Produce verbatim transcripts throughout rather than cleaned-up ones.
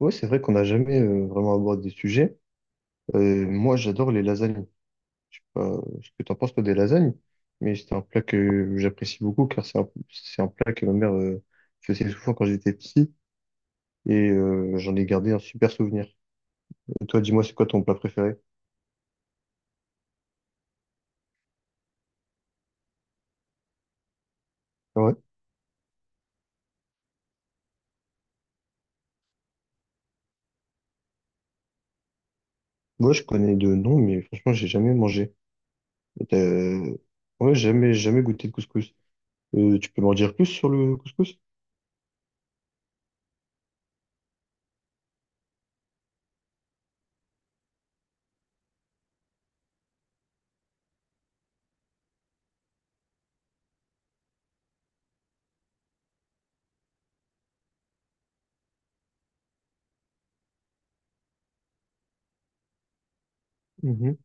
Ouais, c'est vrai qu'on n'a jamais euh, vraiment abordé des sujets. Euh, moi, j'adore les lasagnes. Je sais pas ce que t'en penses, toi, des lasagnes, mais c'est un plat que j'apprécie beaucoup car c'est un, c'est un plat que ma mère euh, faisait souvent quand j'étais petit et euh, j'en ai gardé un super souvenir. Et toi, dis-moi, c'est quoi ton plat préféré? Ouais. Moi, je connais de nom, mais franchement, j'ai jamais mangé. Et t'as- Ouais, jamais, jamais goûté de couscous. Euh, tu peux m'en dire plus sur le couscous? Mhm.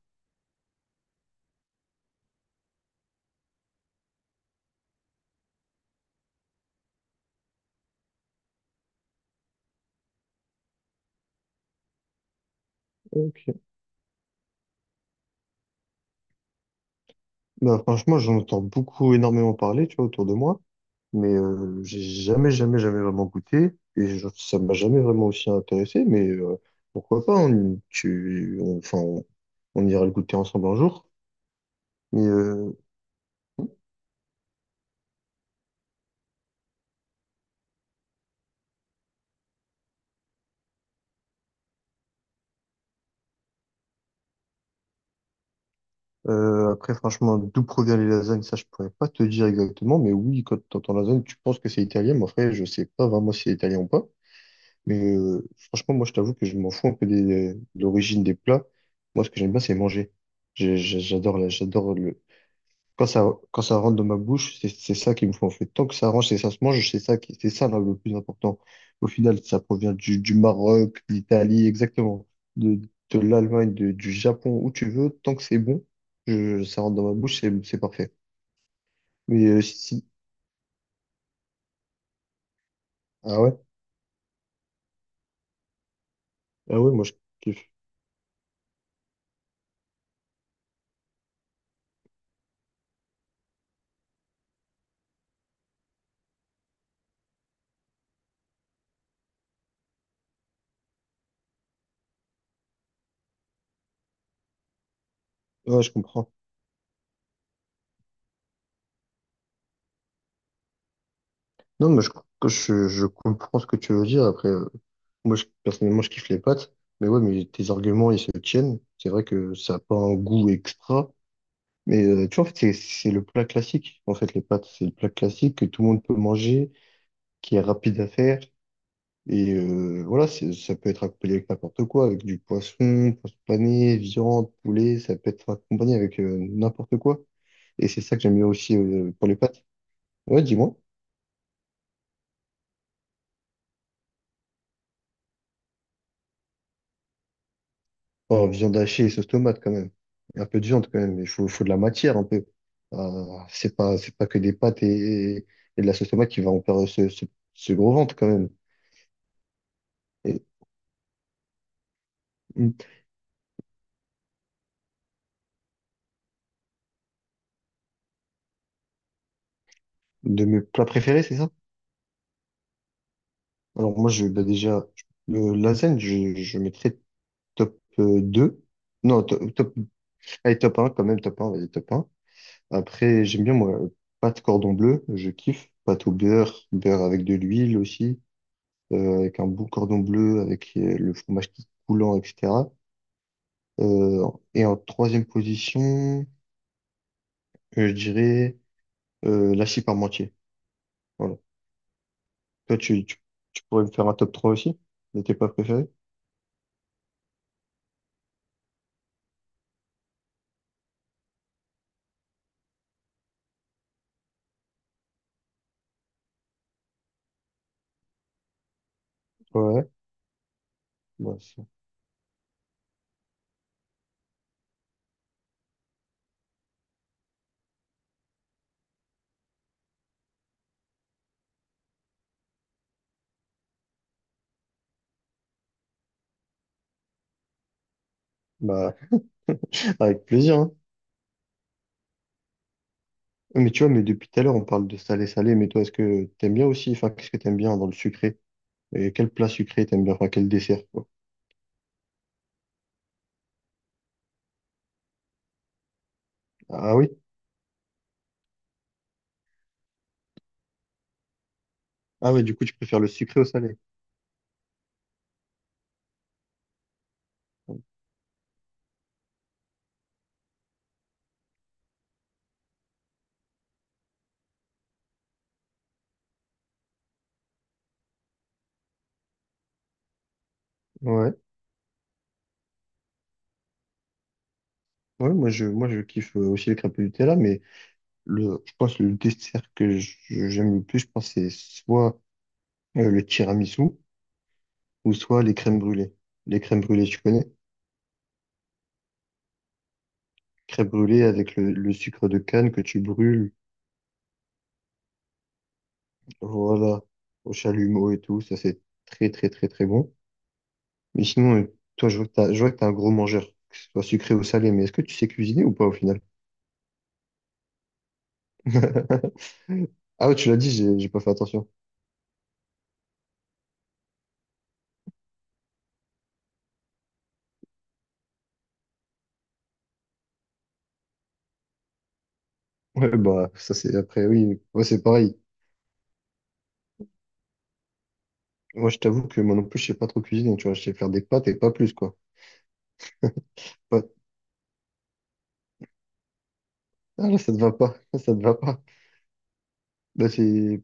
Ok. Bah, franchement, j'en entends beaucoup, énormément parler, tu vois, autour de moi, mais euh, j'ai jamais, jamais, jamais vraiment goûté et je- ça m'a jamais vraiment aussi intéressé, mais euh, pourquoi pas, on, tu, on- enfin, on, on ira le goûter ensemble un jour. Mais euh, euh, Après, franchement, d'où provient les lasagnes, ça, je pourrais pas te dire exactement, mais oui, quand tu entends lasagne, tu penses que c'est italien, mais après, je sais pas vraiment si c'est italien ou pas. Mais euh, franchement, moi, je t'avoue que je m'en fous un peu des, de l'origine des plats. Moi, ce que j'aime bien, c'est manger. J'ai- j'ai- J'adore, la- j'adore le, Quand ça, quand ça rentre dans ma bouche, c'est c'est ça qui me faut en fait. Tant que ça rentre et ça se mange, c'est ça qui, c'est ça là, le plus important. Au final, ça provient du, du Maroc, de l'Italie, exactement, de, de l'Allemagne, de- du Japon, où tu veux. Tant que c'est bon, je, ça rentre dans ma bouche, c'est, c'est parfait. Mais euh, si, si- ah ouais, ah ouais, moi je kiffe. Ouais, je comprends. Non, mais je, que je, je comprends ce que tu veux dire. Après, euh, moi je, personnellement, je kiffe les pâtes. Mais ouais, mais tes arguments, ils se tiennent. C'est vrai que ça n'a pas un goût extra. Mais euh, tu vois, en fait, c'est c'est le plat classique. En fait, les pâtes, c'est le plat classique que tout le monde peut manger, qui est rapide à faire. Et euh, voilà, c'est- ça peut être accompagné avec n'importe quoi, avec du poisson, poisson pané, viande, poulet, ça peut être accompagné avec euh, n'importe quoi. Et c'est ça que j'aime bien aussi euh, pour les pâtes. Ouais, dis-moi. Oh, viande hachée et sauce tomate quand même. Un peu de viande quand même, il faut, faut de la matière un peu. Euh, c'est pas, c'est pas que des pâtes et, et de la sauce tomate qui va en faire ce, ce, ce gros ventre quand même. Et- De mes plats préférés, c'est ça? Alors moi, je, bah déjà, euh, lasagne, je, je mettrais top euh, deux. Non, to- top, allez, top un quand même, top un vas-y, top un. Après, j'aime bien, moi, pâte cordon bleu, je kiffe. Pâte au beurre, beurre avec de l'huile aussi, euh, avec un bon cordon bleu, avec euh, le fromage qui est coulant, et cetera. Euh, et en troisième position, euh, je dirais euh, par parmentier. Voilà. Toi, tu, tu, tu pourrais me faire un top trois aussi, de tes plats préférés? Ouais, bah, c'est- bon. Bah, avec plaisir, hein. Mais tu vois, mais depuis tout à l'heure, on parle de salé-salé, mais toi, est-ce que t'aimes bien aussi? Enfin, qu'est-ce que t'aimes bien dans le sucré? Et quel plat sucré t'aimes bien? Enfin, quel dessert, quoi. Ah oui? Ah ouais, du coup, tu préfères le sucré au salé. Ouais. Ouais, moi, je, moi, je kiffe euh, aussi les crêpes au Nutella, mais le, je pense que le dessert que je- j'aime le plus, je pense, c'est soit euh, le tiramisu ou soit les crèmes brûlées. Les crèmes brûlées, tu connais? Crêpes brûlées avec le, le sucre de canne que tu brûles, voilà, au chalumeau et tout, ça, c'est très, très, très, très bon. Mais sinon, euh, toi, je vois que t'as, je vois que t'es un gros mangeur, que ce soit sucré ou salé, mais est-ce que tu sais cuisiner ou pas au final? Ah ouais, tu l'as dit, j'ai j'ai pas fait attention. Ouais, bah ça c'est après, oui, moi c'est pareil. Moi je t'avoue que moi non plus je sais pas trop cuisiner, tu vois, je sais faire des pâtes et pas plus quoi. Pas- Ah là ça te va pas, ça te va pas. Là c'est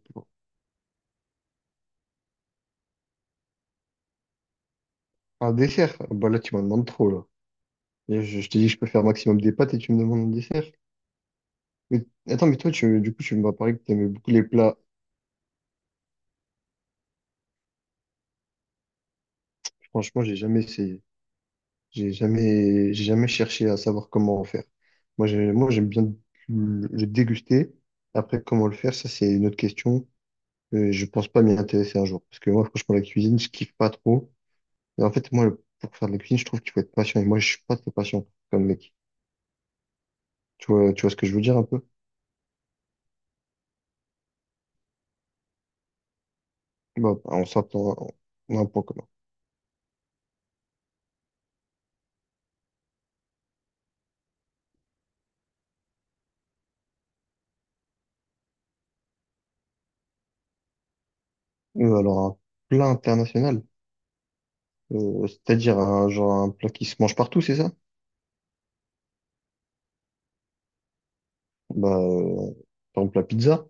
un dessert, bah là tu m'en demandes trop là. Et je, je t'ai dit que je peux faire maximum des pâtes et tu me demandes un dessert. Mais attends, mais toi tu, du coup tu m'as parlé que t'aimais beaucoup les plats. Franchement j'ai jamais essayé. J'ai jamais, j'ai jamais cherché à savoir comment en faire. Moi, j'ai- moi, j'aime bien le le déguster. Après, comment le faire, ça, c'est une autre question. Euh, je pense pas m'y intéresser un jour. Parce que moi, franchement, la cuisine, je kiffe pas trop. Et en fait, moi, le- pour faire de la cuisine, je trouve qu'il faut être patient. Et moi, je suis pas très patient comme mec. Tu vois, tu vois ce que je veux dire un peu? Bah, on s'attend, on a un point commun. Euh, alors, un plat international, euh, c'est-à-dire un, genre, un plat qui se mange partout, c'est ça? Bah, euh, par exemple, la pizza,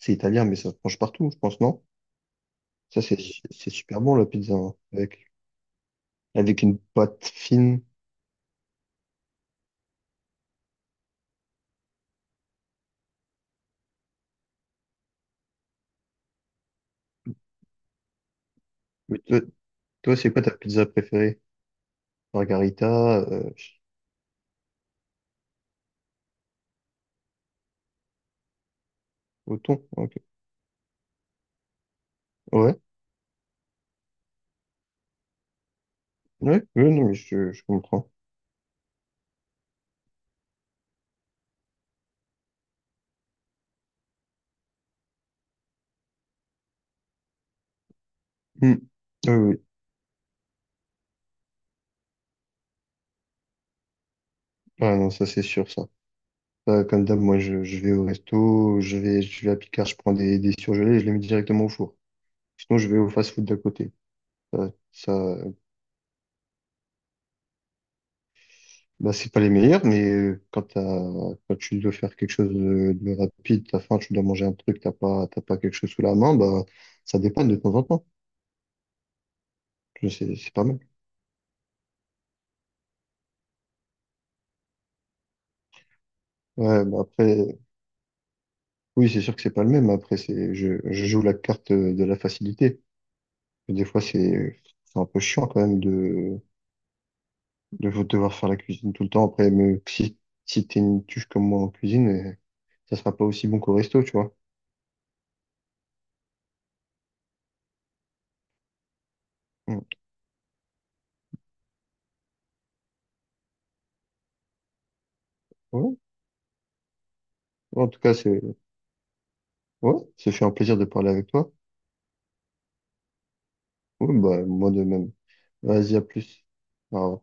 c'est italien, mais ça se mange partout, je pense, non? Ça, c'est c'est super bon, la pizza, hein, avec, avec une pâte fine. Mais toi, toi, c'est quoi ta pizza préférée? Margarita, euh, au thon? Hein, ok. Ouais, ouais, ouais, non, mais je, je comprends. Hmm. Oui, oui, oui. Ah non, ça, c'est sûr, ça. Ça, comme d'hab, moi, je, je vais au resto, je vais, je vais à Picard, je prends des, des surgelés et je les mets directement au four. Sinon, je vais au fast-food d'à côté. Ça, ça, bah, c'est pas les meilleurs, mais euh, quand, t'as- quand tu dois faire quelque chose de, de rapide, t'as faim, tu dois manger un truc, t'as pas, t'as pas quelque chose sous la main, bah, ça dépanne de temps en temps. Je sais. C'est pas mal. Ouais, bah après, oui, c'est sûr que c'est pas le même. Après, c'est, je, je joue la carte euh, de la facilité. Des fois, c'est, c'est un peu chiant quand même de, de devoir faire la cuisine tout le temps. Après, mais si, si t'es une tuche comme moi en cuisine, euh, ça sera pas aussi bon qu'au resto, tu vois. Mm. Ouais. En tout cas, c'est, ouais, ça fait un plaisir de parler avec toi. Oui, bah, moi de même. Vas-y, à plus. Au revoir.